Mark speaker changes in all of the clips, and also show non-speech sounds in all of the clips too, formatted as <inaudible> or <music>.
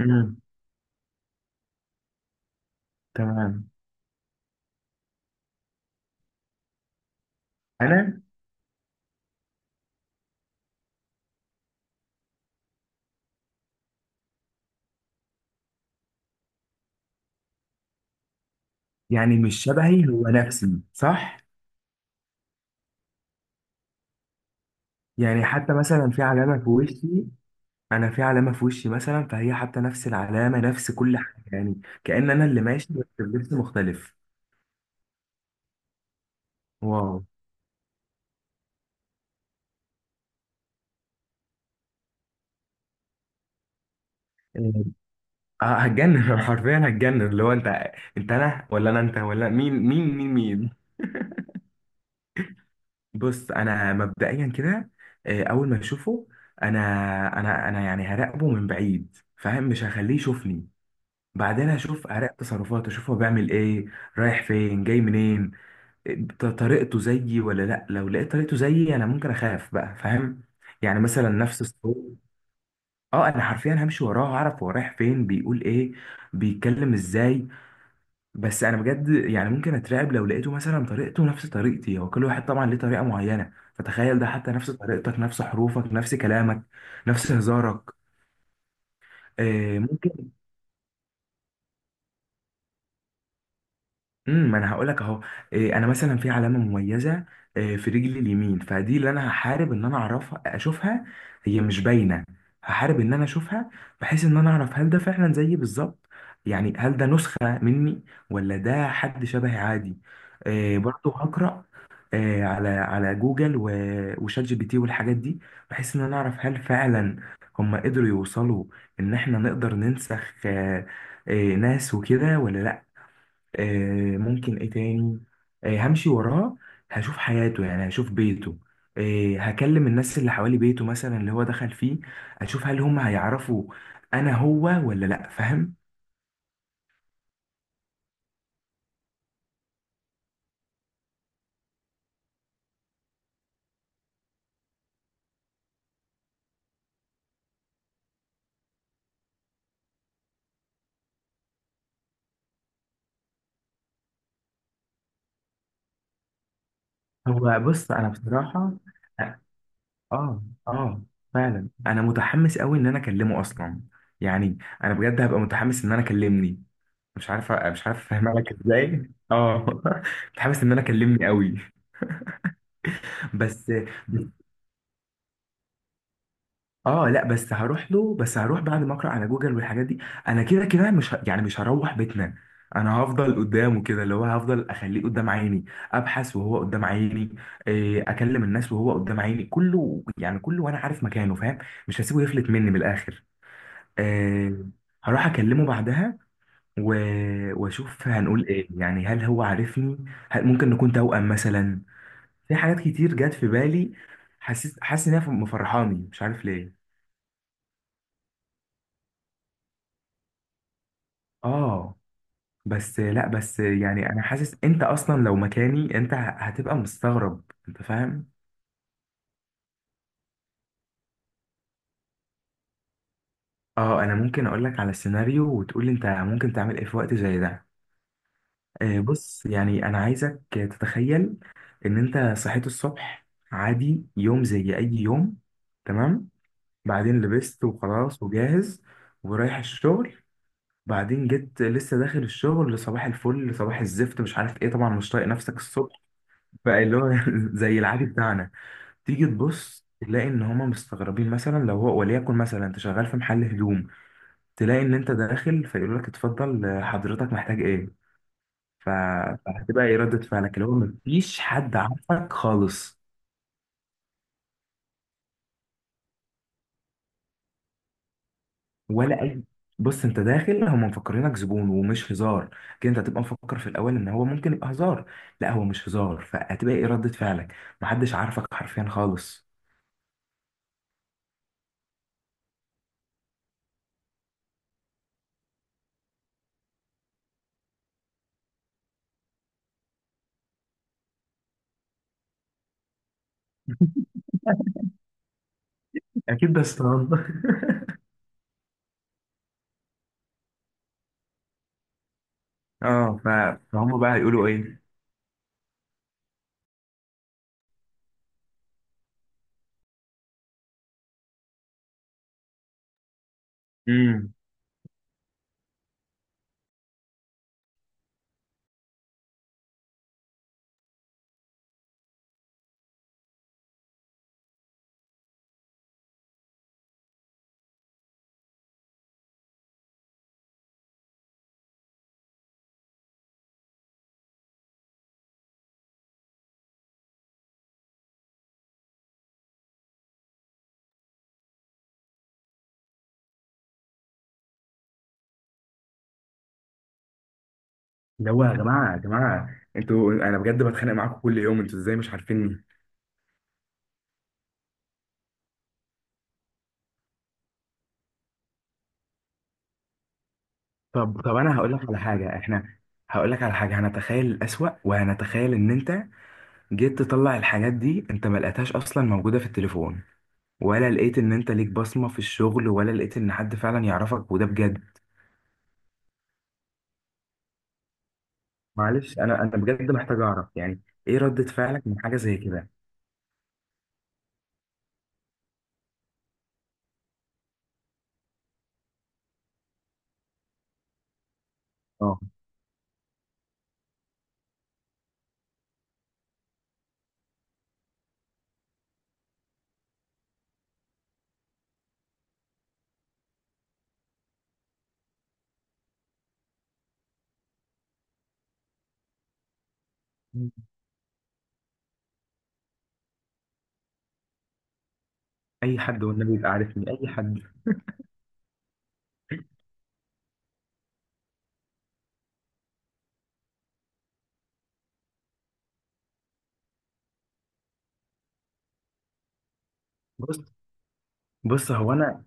Speaker 1: امم تمام. انا يعني مش شبهي، هو نفسي صح؟ يعني حتى مثلا في علامه في وشي، انا في علامه في وشي مثلا، فهي حتى نفس العلامه، نفس كل حاجه، يعني كأن انا اللي ماشي بس بلبس مختلف. واو! إيه. اه هتجنن <laughs> حرفيا هتجنن، اللي هو انت انت انا ولا انا انت؟ ولا مين مين مين مين؟ بص انا مبدئيا كده، اول ما اشوفه انا انا يعني هراقبه من بعيد فاهم، مش هخليه يشوفني. بعدين اشوف، اراقب تصرفاته، اشوف هو بيعمل ايه، رايح فين، جاي منين. طريقته زيي ولا لا؟ لو لقيت طريقته زيي انا ممكن اخاف بقى فاهم. يعني مثلا نفس الصوت. اه انا حرفيا همشي وراه، هعرف هو رايح فين، بيقول ايه، بيتكلم ازاي. بس انا بجد يعني ممكن اترعب لو لقيته مثلا طريقته نفس طريقتي. هو كل واحد طبعا ليه طريقة معينة، فتخيل ده حتى نفس طريقتك، نفس حروفك، نفس كلامك، نفس هزارك. ممكن. ما انا هقول لك اهو. انا مثلا في علامه مميزه، في رجلي اليمين، فدي اللي انا هحارب ان انا اعرفها اشوفها. هي مش باينه، هحارب ان انا اشوفها، بحيث ان انا اعرف هل ده فعلا زيي بالظبط. يعني هل ده نسخه مني، ولا ده حد شبهي عادي. برضه هقرا، على على جوجل وشات جي بي تي والحاجات دي، بحيث ان انا اعرف هل فعلا هم قدروا يوصلوا ان احنا نقدر ننسخ ناس وكده ولا لا. ممكن ايه تاني؟ همشي وراه، هشوف حياته، يعني هشوف بيته، هكلم الناس اللي حوالي بيته مثلا، اللي هو دخل فيه، اشوف هل هم هيعرفوا انا هو ولا لا، فاهم. هو بص انا بصراحة، اه اه فعلا انا متحمس قوي ان انا اكلمه اصلا، يعني انا بجد هبقى متحمس ان انا اكلمني. مش عارف افهمها لك ازاي، اه. <laughs> متحمس ان انا اكلمني قوي. بس اه، لا بس هروح له، بس هروح بعد ما اقرا على جوجل والحاجات دي. انا كده كده مش ه... يعني مش هروح بيتنا، انا هفضل قدامه كده، اللي هو هفضل اخليه قدام عيني، ابحث وهو قدام عيني، إيه اكلم الناس وهو قدام عيني، كله يعني كله، وانا عارف مكانه فاهم. مش هسيبه يفلت مني من الاخر. إيه، هروح اكلمه بعدها و... واشوف هنقول ايه، يعني هل هو عارفني، هل ممكن نكون توأم مثلا. في حاجات كتير جت في بالي، حسيت حاسس انها مفرحاني مش عارف ليه. اه بس لا، بس يعني انا حاسس انت اصلا لو مكاني انت هتبقى مستغرب، انت فاهم. اه انا ممكن اقول لك على سيناريو وتقول لي انت ممكن تعمل ايه في وقت زي ده. بص يعني انا عايزك تتخيل ان انت صحيت الصبح، عادي يوم زي اي يوم، تمام، بعدين لبست وخلاص وجاهز ورايح الشغل. بعدين جيت لسه داخل الشغل، صباح الفل، صباح الزفت مش عارف ايه، طبعا مش طايق نفسك الصبح، بقى اللي هو <laughs> زي العادي بتاعنا. تيجي تبص تلاقي ان هما مستغربين، مثلا لو هو وليكن مثلا انت شغال في محل هدوم، تلاقي ان انت داخل فيقول لك اتفضل، حضرتك محتاج ايه. ف- فهتبقى ايه ردة فعلك، اللي هو مفيش حد عارفك خالص ولا اي. بص انت داخل هما مفكرينك زبون ومش هزار، كده انت هتبقى مفكر في الاول ان هو ممكن يبقى هزار، لا هو مش هزار، فهتبقى ايه ردة فعلك؟ محدش عارفك حرفيا خالص. اكيد بس <laughs> اه فهم بقى هيقولوا ايه، اللي هو يا جماعه يا جماعه انتوا انا بجد بتخانق معاكم كل يوم، انتوا ازاي مش عارفيني. طب انا هقول لك على حاجه، احنا هقول لك على حاجه، هنتخيل الاسوأ، وهنتخيل ان انت جيت تطلع الحاجات دي انت ما لقيتهاش اصلا موجوده في التليفون، ولا لقيت ان انت ليك بصمه في الشغل، ولا لقيت ان حد فعلا يعرفك وده بجد. معلش انا بجد محتاج اعرف يعني ايه ردة فعلك من حاجه زي كده. اه، اي حد والنبي يبقى عارفني، اي حد. بص بص، هو انا،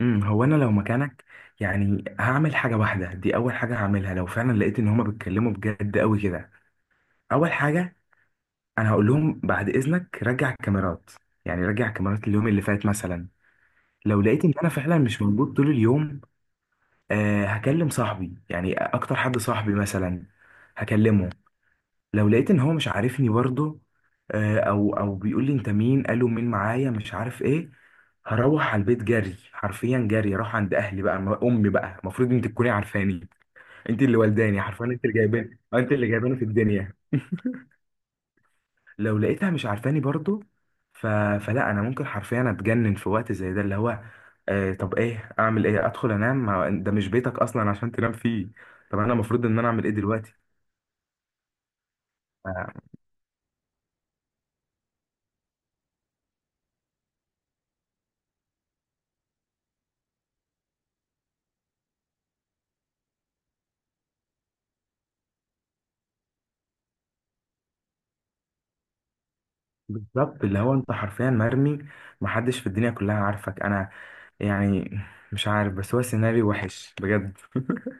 Speaker 1: هو انا لو مكانك يعني هعمل حاجه واحده، دي اول حاجه هعملها لو فعلا لقيت ان هما بيتكلموا بجد قوي كده. اول حاجه، انا هقول لهم بعد اذنك رجع الكاميرات، يعني رجع الكاميرات اليوم اللي فات مثلا. لو لقيت ان انا فعلا مش موجود طول اليوم، آه هكلم صاحبي، يعني اكتر حد صاحبي مثلا هكلمه. لو لقيت ان هو مش عارفني برضه، او بيقول لي انت مين، قالوا مين معايا، مش عارف ايه، هروح على البيت جري، حرفيا جري، اروح عند اهلي بقى، امي بقى المفروض انت تكوني عارفاني، انت اللي والداني، حرفيا انت اللي جايباني، انت اللي جايباني في الدنيا. لو لقيتها مش عارفاني برضه ف... فلا انا ممكن حرفيا اتجنن في وقت زي ده، اللي هو آه طب ايه، اعمل ايه، ادخل انام، ده مش بيتك اصلا عشان تنام فيه. طب انا المفروض ان انا اعمل ايه دلوقتي؟ بالظبط، اللي هو انت حرفيا مرمي، محدش في الدنيا كلها عارفك. انا يعني مش عارف، بس هو سيناريو وحش بجد <laughs>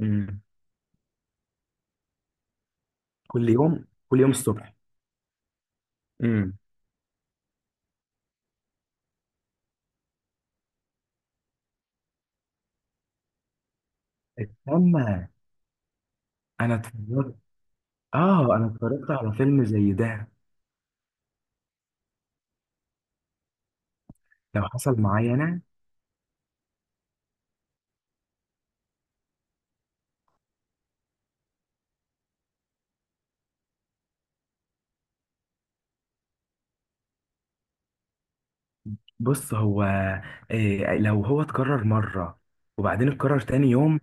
Speaker 1: أمم. كل يوم، كل يوم الصبح. امم. استنى، انا اتفرجت. اه انا اتفرجت على فيلم زي ده. لو حصل معايا انا، بص هو إيه لو هو اتكرر مره وبعدين اتكرر تاني يوم،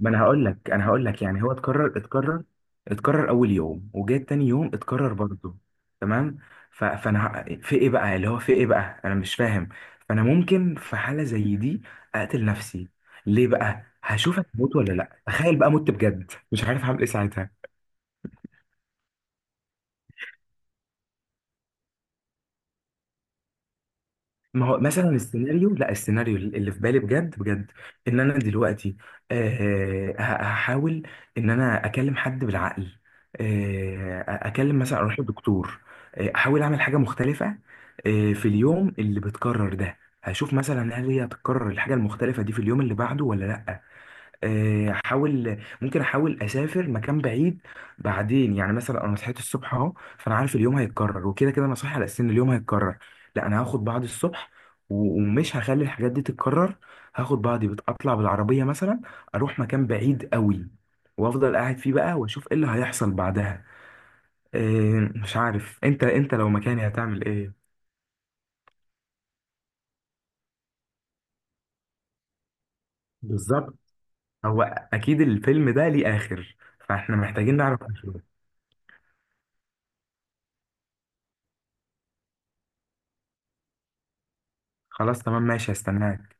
Speaker 1: ما انا هقول لك، انا هقول لك، يعني هو اتكرر اتكرر، اتكرر اول يوم وجاء تاني يوم اتكرر برضه، تمام. فانا في ايه بقى، اللي هو في ايه بقى، انا مش فاهم. فانا ممكن في حالة زي دي اقتل نفسي، ليه بقى؟ هشوفك موت ولا لا؟ تخيل بقى مت بجد، مش عارف هعمل ايه ساعتها. ما هو مثلا السيناريو، لا، السيناريو اللي في بالي بجد بجد، ان انا دلوقتي هحاول ان انا اكلم حد بالعقل، اكلم مثلا، اروح لدكتور، احاول اعمل حاجه مختلفه، في اليوم اللي بتكرر ده، هشوف مثلا هل هي هتتكرر الحاجه المختلفه دي في اليوم اللي بعده ولا لا. احاول، ممكن احاول اسافر مكان بعيد. بعدين يعني مثلا انا صحيت الصبح اهو، فانا عارف اليوم هيتكرر، وكده كده انا صاحي على اساس ان اليوم هيتكرر، لا انا هاخد بعض الصبح ومش هخلي الحاجات دي تتكرر. هاخد بعضي، بطلع بالعربيه مثلا، اروح مكان بعيد قوي، وافضل قاعد فيه بقى واشوف ايه اللي هيحصل بعدها. مش عارف انت، انت لو مكاني هتعمل ايه؟ بالظبط. هو اكيد الفيلم ده ليه اخر، فاحنا محتاجين نعرف آخره. خلاص تمام ماشي، هستناك.